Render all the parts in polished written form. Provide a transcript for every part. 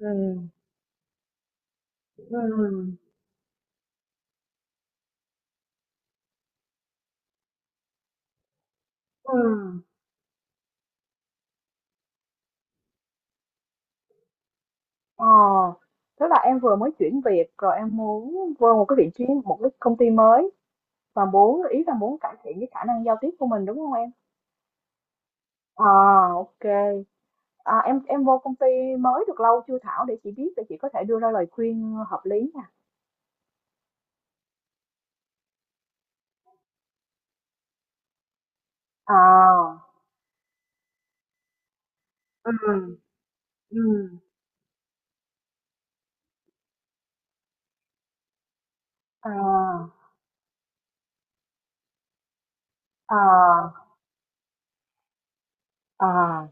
Ừ. Ừ. Ừ. Ờ, tức là em vừa mới chuyển việc rồi em muốn vô một cái vị trí một cái công ty mới, và muốn, ý là, muốn cải thiện cái khả năng giao tiếp của mình, đúng không em? À, ok. À, em vô công ty mới được lâu chưa Thảo, để chị biết để chị có thể đưa ra lời khuyên hợp lý nha. À. Ừ. Ừ. À. À. À.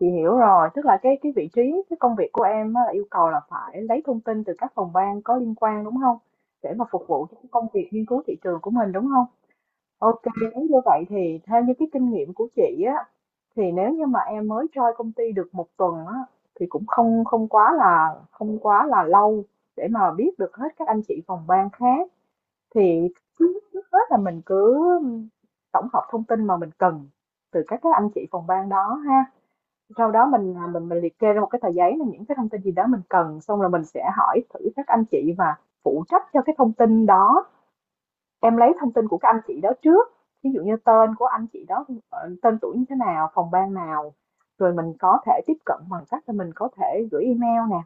Chị hiểu rồi, tức là cái vị trí, cái công việc của em á, là yêu cầu là phải lấy thông tin từ các phòng ban có liên quan, đúng không? Để mà phục vụ cho cái công việc nghiên cứu thị trường của mình, đúng không? Ok, nếu như vậy thì theo như cái kinh nghiệm của chị á, thì nếu như mà em mới join công ty được một tuần á, thì cũng không không quá là không quá là lâu để mà biết được hết các anh chị phòng ban khác, thì trước trước hết là mình cứ tổng hợp thông tin mà mình cần từ các anh chị phòng ban đó ha, sau đó mình, à, mình mình liệt kê ra một cái tờ giấy là những cái thông tin gì đó mình cần, xong là mình sẽ hỏi thử các anh chị và phụ trách cho cái thông tin đó. Em lấy thông tin của các anh chị đó trước, ví dụ như tên của anh chị đó, tên tuổi như thế nào, phòng ban nào, rồi mình có thể tiếp cận bằng cách là mình có thể gửi email nè,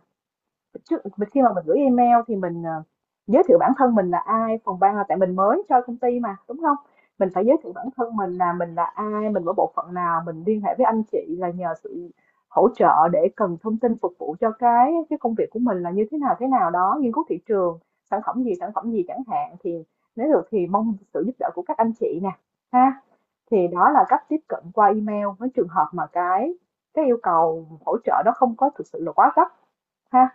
trước mình khi mà mình gửi email thì mình, giới thiệu bản thân mình là ai, phòng ban là, tại mình mới cho công ty mà đúng không, mình phải giới thiệu bản thân mình là ai, mình ở bộ phận nào, mình liên hệ với anh chị là nhờ sự hỗ trợ để cần thông tin phục vụ cho cái công việc của mình là như thế nào đó, nghiên cứu thị trường sản phẩm gì chẳng hạn, thì nếu được thì mong sự giúp đỡ của các anh chị nè, ha. Thì đó là cách tiếp cận qua email, với trường hợp mà cái yêu cầu hỗ trợ đó không có thực sự là quá gấp ha.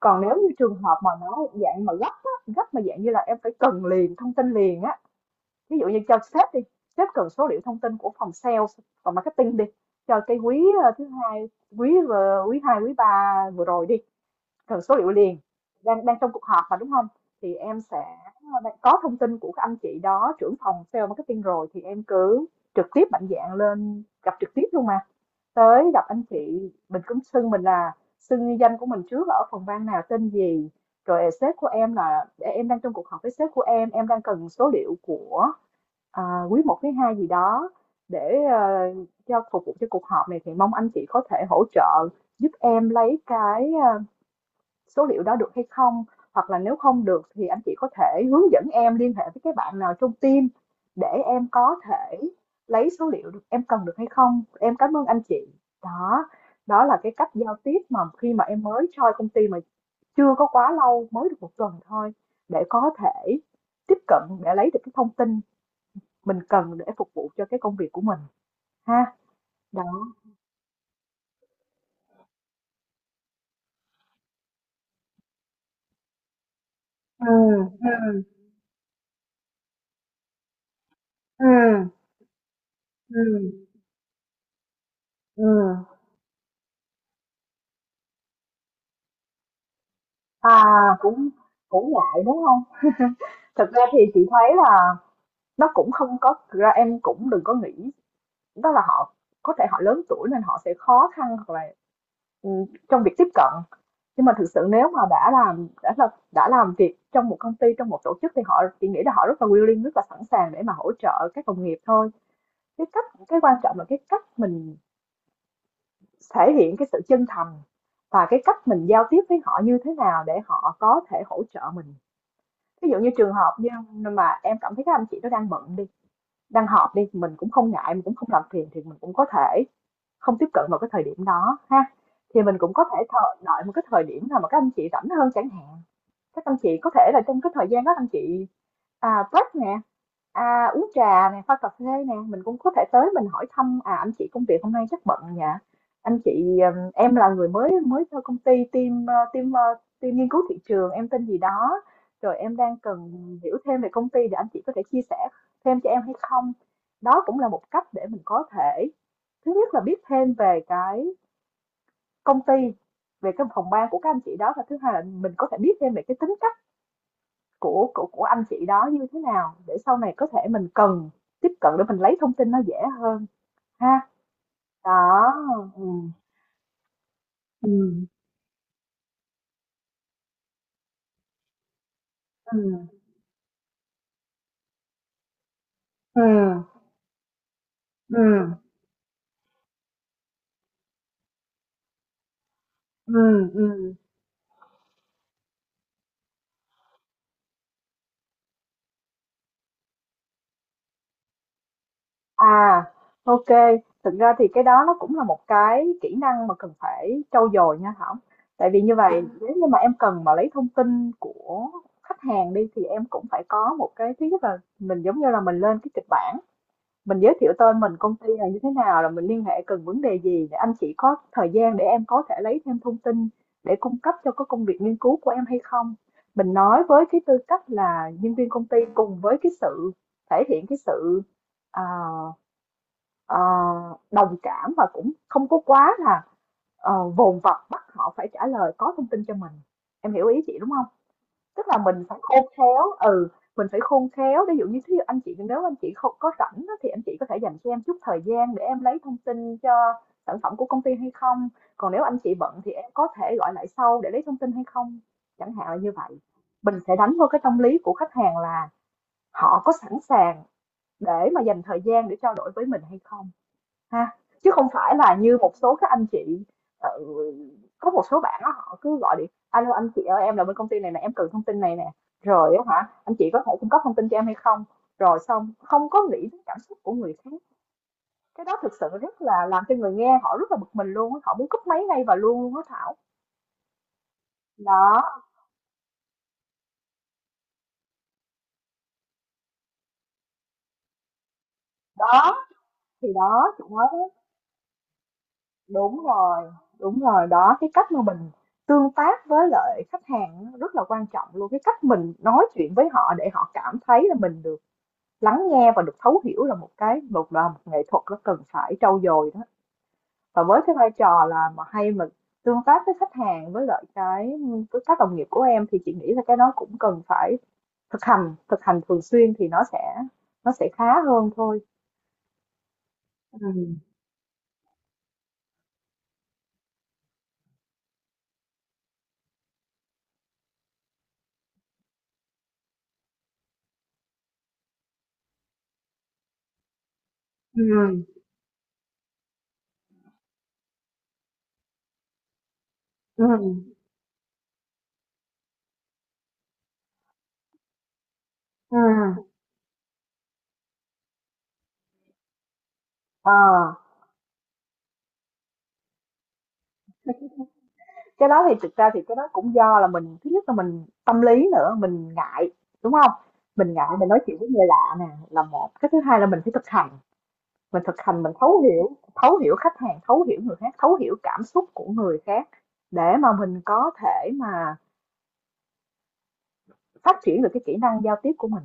Còn nếu như trường hợp mà nó dạng mà gấp á, gấp mà dạng như là em phải cần liền thông tin liền á, ví dụ như cho sếp đi, sếp cần số liệu thông tin của phòng sales, phòng marketing đi, cho cái quý, thứ hai, quý hai quý ba vừa rồi đi, cần số liệu liền, đang đang trong cuộc họp mà, đúng không, thì em sẽ, đang có thông tin của các anh chị đó, trưởng phòng sales marketing rồi, thì em cứ trực tiếp mạnh dạn lên gặp trực tiếp luôn mà. Tới gặp anh chị, mình cũng xưng mình là, xưng ni danh của mình trước là ở phòng ban nào tên gì, rồi sếp của em là, em đang trong cuộc họp với sếp của em đang cần số liệu của, à, quý một quý hai gì đó, để cho phục vụ cho cuộc họp này, thì mong anh chị có thể hỗ trợ giúp em lấy cái, số liệu đó được hay không, hoặc là nếu không được thì anh chị có thể hướng dẫn em liên hệ với cái bạn nào trong team để em có thể lấy số liệu được, em cần được hay không, em cảm ơn anh chị. Đó, đó là cái cách giao tiếp mà khi mà em mới join công ty, mà chưa có quá lâu mới được một tuần thôi, để có thể tiếp cận để lấy được cái thông tin mình cần để phục vụ cho cái công việc của mình ha. Đó. Ừ. Ừ. Ừ. Ừ. Ừ. À, cũng cũng ngại, đúng không? Thực ra thì chị thấy là nó cũng không có, thực ra em cũng đừng có nghĩ đó là họ, có thể họ lớn tuổi nên họ sẽ khó khăn hoặc là, trong việc tiếp cận. Nhưng mà thực sự nếu mà đã làm việc trong một công ty, trong một tổ chức, thì họ, chị nghĩ là họ rất là willing, rất là sẵn sàng để mà hỗ trợ các đồng nghiệp thôi. Cái cách, cái quan trọng là cái cách mình thể hiện cái sự chân thành, và cái cách mình giao tiếp với họ như thế nào để họ có thể hỗ trợ mình. Ví dụ như trường hợp như mà em cảm thấy các anh chị nó đang bận đi, đang họp đi, mình cũng không ngại, mình cũng không làm phiền, thì mình cũng có thể không tiếp cận vào cái thời điểm đó ha, thì mình cũng có thể thờ, đợi một cái thời điểm nào mà các anh chị rảnh hơn chẳng hạn. Các anh chị có thể là trong cái thời gian đó anh chị, break nè, uống trà nè, pha cà phê nè, mình cũng có thể tới mình hỏi thăm, anh chị công việc hôm nay chắc bận nhỉ? Anh chị, em là người mới mới cho công ty, team, team nghiên cứu thị trường, em tên gì đó, rồi em đang cần hiểu thêm về công ty, để anh chị có thể chia sẻ thêm cho em hay không? Đó cũng là một cách để mình có thể, thứ nhất là biết thêm về cái công ty, về cái phòng ban của các anh chị đó, và thứ hai là mình có thể biết thêm về cái tính cách của anh chị đó như thế nào để sau này có thể mình cần tiếp cận để mình lấy thông tin nó dễ hơn ha. Đó. Ừm. Ừm. Ừm. Ừm. Ừm. Ừm. Ừm. À, OK, thực ra thì cái đó nó cũng là một cái kỹ năng mà cần phải trau dồi nha Thảo. Tại vì như vậy nếu như mà em cần mà lấy thông tin của khách hàng đi, thì em cũng phải có một cái, thứ nhất là mình giống như là mình lên cái kịch bản, mình giới thiệu tên mình công ty là như thế nào, là mình liên hệ cần vấn đề gì, để anh chị có thời gian để em có thể lấy thêm thông tin để cung cấp cho cái công việc nghiên cứu của em hay không, mình nói với cái tư cách là nhân viên công ty, cùng với cái sự thể hiện cái sự, à, à, đồng cảm, và cũng không có quá là, vồn vập bắt họ phải trả lời có thông tin cho mình, em hiểu ý chị đúng không. Tức là mình phải khôn khéo, mình phải khôn khéo, ví dụ như thí dụ anh chị, nếu anh chị không có rảnh á, thì anh chị có thể dành cho em chút thời gian để em lấy thông tin cho sản phẩm của công ty hay không? Còn nếu anh chị bận thì em có thể gọi lại sau để lấy thông tin hay không? Chẳng hạn là như vậy. Mình sẽ đánh vào cái tâm lý của khách hàng là họ có sẵn sàng để mà dành thời gian để trao đổi với mình hay không ha. Chứ không phải là như một số các anh chị, ờ, có một số bạn á, họ cứ gọi điện, alo anh chị ơi, em là bên công ty này nè, em cần thông tin này nè, rồi á hả anh chị có thể cung cấp thông tin cho em hay không, rồi xong không có nghĩ đến cảm xúc của người khác. Cái đó thực sự rất là làm cho người nghe họ rất là bực mình luôn á, họ muốn cúp máy ngay và luôn luôn á Thảo. Đó. Đó thì đó chị nói. Đúng rồi, đúng rồi, đó, cái cách mà mình tương tác với lại khách hàng rất là quan trọng luôn. Cái cách mình nói chuyện với họ để họ cảm thấy là mình được lắng nghe và được thấu hiểu, là một cái một là một nghệ thuật, nó cần phải trau dồi đó. Và với cái vai trò là mà hay mình tương tác với khách hàng, với lại cái, với các đồng nghiệp của em, thì chị nghĩ là cái đó cũng cần phải thực hành thường xuyên thì nó sẽ khá hơn thôi. Ừ. Ừ. Ừ. Ừ. Ờ. Cái đó thì thực ra thì cái đó cũng do là mình, thứ nhất là mình tâm lý nữa, mình ngại, đúng không? Mình ngại mình nói chuyện với người lạ nè, là một cái. Thứ hai là mình phải thực hành, mình thực hành, mình thấu hiểu, thấu hiểu khách hàng, thấu hiểu người khác, thấu hiểu cảm xúc của người khác để mà mình có thể mà phát triển được cái kỹ năng giao tiếp của mình.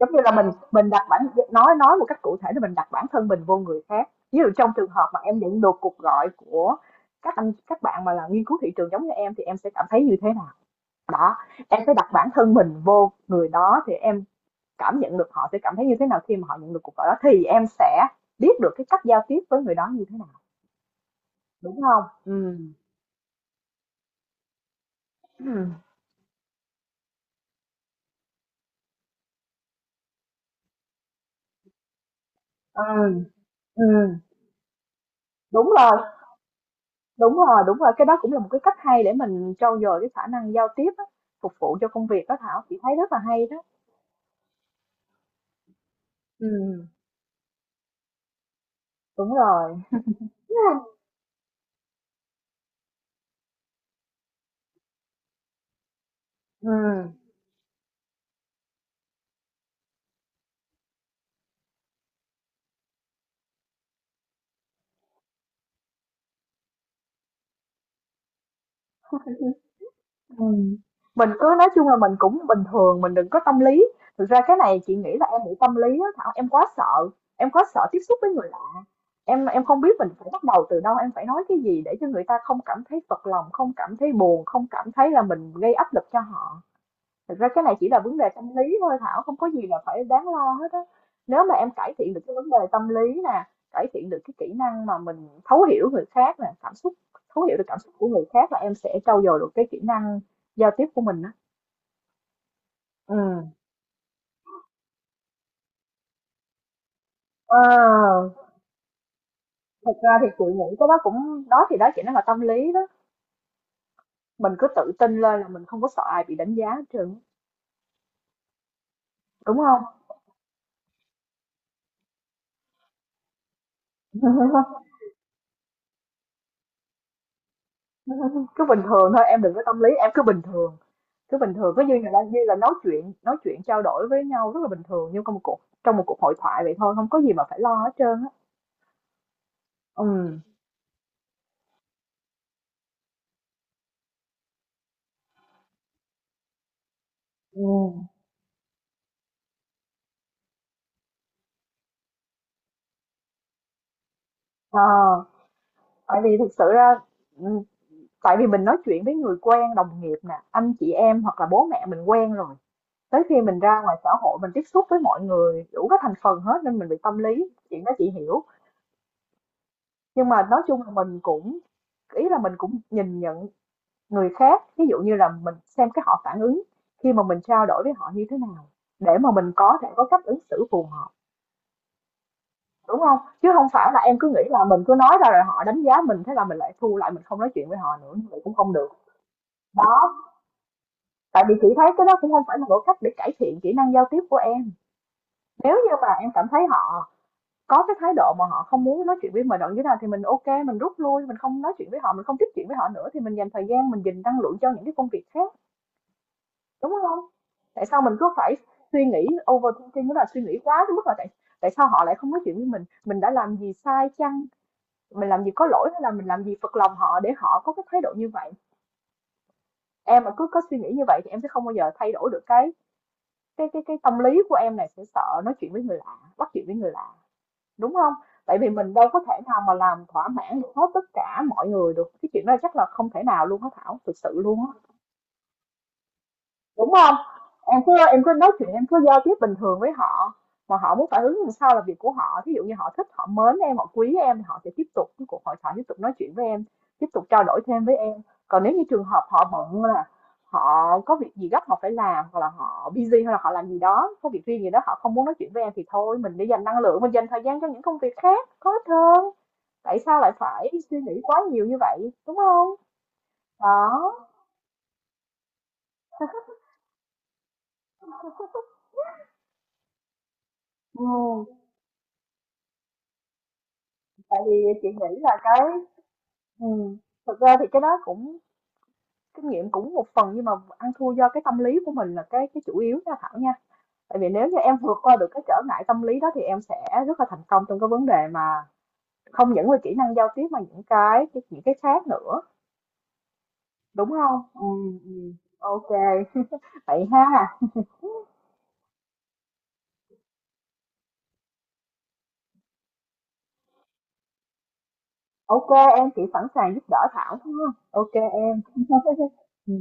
Giống như là mình đặt bản, nói một cách cụ thể là mình đặt bản thân mình vô người khác. Ví dụ trong trường hợp mà em nhận được cuộc gọi của các anh các bạn mà là nghiên cứu thị trường giống như em thì em sẽ cảm thấy như thế nào? Đó, em phải đặt bản thân mình vô người đó thì em cảm nhận được họ sẽ cảm thấy như thế nào khi mà họ nhận được cuộc gọi đó, thì em sẽ biết được cái cách giao tiếp với người đó như thế nào, đúng không? Ừm. Ừ. Ừm, ừm, đúng rồi, đúng rồi, đúng rồi, cái đó cũng là một cái cách hay để mình trau dồi cái khả năng giao tiếp á, phục vụ cho công việc đó Thảo, chị thấy rất là hay đó. Ừm, đúng rồi. Ừm. Ừm, mình cứ nói chung là mình cũng bình thường, mình đừng có tâm lý. Thực ra cái này chị nghĩ là em bị tâm lý á Thảo, em quá sợ tiếp xúc với người lạ. Em không biết mình phải bắt đầu từ đâu, em phải nói cái gì để cho người ta không cảm thấy phật lòng, không cảm thấy buồn, không cảm thấy là mình gây áp lực cho họ. Thực ra cái này chỉ là vấn đề tâm lý thôi Thảo, không có gì là phải đáng lo hết á. Nếu mà em cải thiện được cái vấn đề tâm lý nè, cải thiện được cái kỹ năng mà mình thấu hiểu người khác nè, cảm xúc, thấu hiểu được cảm xúc của người khác là em sẽ trau dồi được cái kỹ năng giao tiếp của mình đó. Ừ. Ờ, thực ra thì chị nghĩ cái đó cũng, đó thì đó chỉ nó là tâm lý đó. Mình cứ tự tin lên là mình không có sợ ai bị đánh giá hết trơn, đúng không? Cứ bình thường thôi, em đừng có tâm lý, em cứ bình thường. Cứ bình thường, cứ như là nói chuyện trao đổi với nhau rất là bình thường, như trong một cuộc hội thoại vậy thôi, không có gì mà phải lo hết trơn á. Ừ. Ừ. À, tại vì thực sự ra, ừ, tại vì mình nói chuyện với người quen, đồng nghiệp nè, anh chị em hoặc là bố mẹ mình quen rồi, tới khi mình ra ngoài xã hội mình tiếp xúc với mọi người đủ các thành phần hết nên mình bị tâm lý chuyện đó, chị hiểu. Nhưng mà nói chung là mình cũng nhìn nhận người khác, ví dụ như là mình xem cái họ phản ứng khi mà mình trao đổi với họ như thế nào để mà mình có thể có cách ứng xử phù hợp, đúng không? Chứ không phải là em cứ nghĩ là mình cứ nói ra rồi họ đánh giá mình, thế là mình lại thu lại, mình không nói chuyện với họ nữa, như vậy cũng không được. Đó, tại vì chị thấy cái đó cũng không phải là một cách để cải thiện kỹ năng giao tiếp của em. Nếu như mà em cảm thấy họ có cái thái độ mà họ không muốn nói chuyện với mình đoạn như thế nào thì mình ok, mình rút lui, mình không nói chuyện với họ, mình không tiếp chuyện với họ nữa, thì mình dành thời gian, mình dành năng lượng cho những cái công việc khác, đúng không? Tại sao mình cứ phải suy nghĩ, overthinking đó là suy nghĩ quá đến mức là tại tại sao họ lại không nói chuyện với mình đã làm gì sai chăng, mình làm gì có lỗi, hay là mình làm gì phật lòng họ để họ có cái thái độ như vậy. Em mà cứ có suy nghĩ như vậy thì em sẽ không bao giờ thay đổi được cái tâm lý của em này, sẽ sợ nói chuyện với người lạ, bắt chuyện với người lạ, đúng không? Tại vì mình đâu có thể nào mà làm thỏa mãn được hết tất cả mọi người được, cái chuyện đó chắc là không thể nào luôn á Thảo, thực sự luôn á. Đúng không? Em cứ nói chuyện, em cứ giao tiếp bình thường với họ, mà họ muốn phản ứng làm sao là việc của họ. Ví dụ như họ thích, họ mến em, họ quý em thì họ sẽ tiếp tục cái cuộc hội thoại, tiếp tục nói chuyện với em, tiếp tục trao đổi thêm với em. Còn nếu như trường hợp họ bận, là họ có việc gì gấp họ phải làm, hoặc là họ busy, hoặc là họ làm gì đó, có việc riêng gì đó họ không muốn nói chuyện với em thì thôi, mình để dành năng lượng, mình dành thời gian cho những công việc khác có ích hơn. Tại sao lại phải suy nghĩ quá nhiều như vậy, đúng không? Đó, ừm, tại vì chị nghĩ là cái, ừm, thực ra thì cái đó cũng kinh nghiệm cũng một phần, nhưng mà ăn thua do cái tâm lý của mình là cái chủ yếu nha Thảo nha. Tại vì nếu như em vượt qua được cái trở ngại tâm lý đó thì em sẽ rất là thành công trong cái vấn đề mà không những là kỹ năng giao tiếp mà những cái khác nữa, đúng không? Ừ, ừ. Ok, vậy ha. Ok, em chỉ sẵn sàng giúp đỡ Thảo thôi. Ok em. Ừ.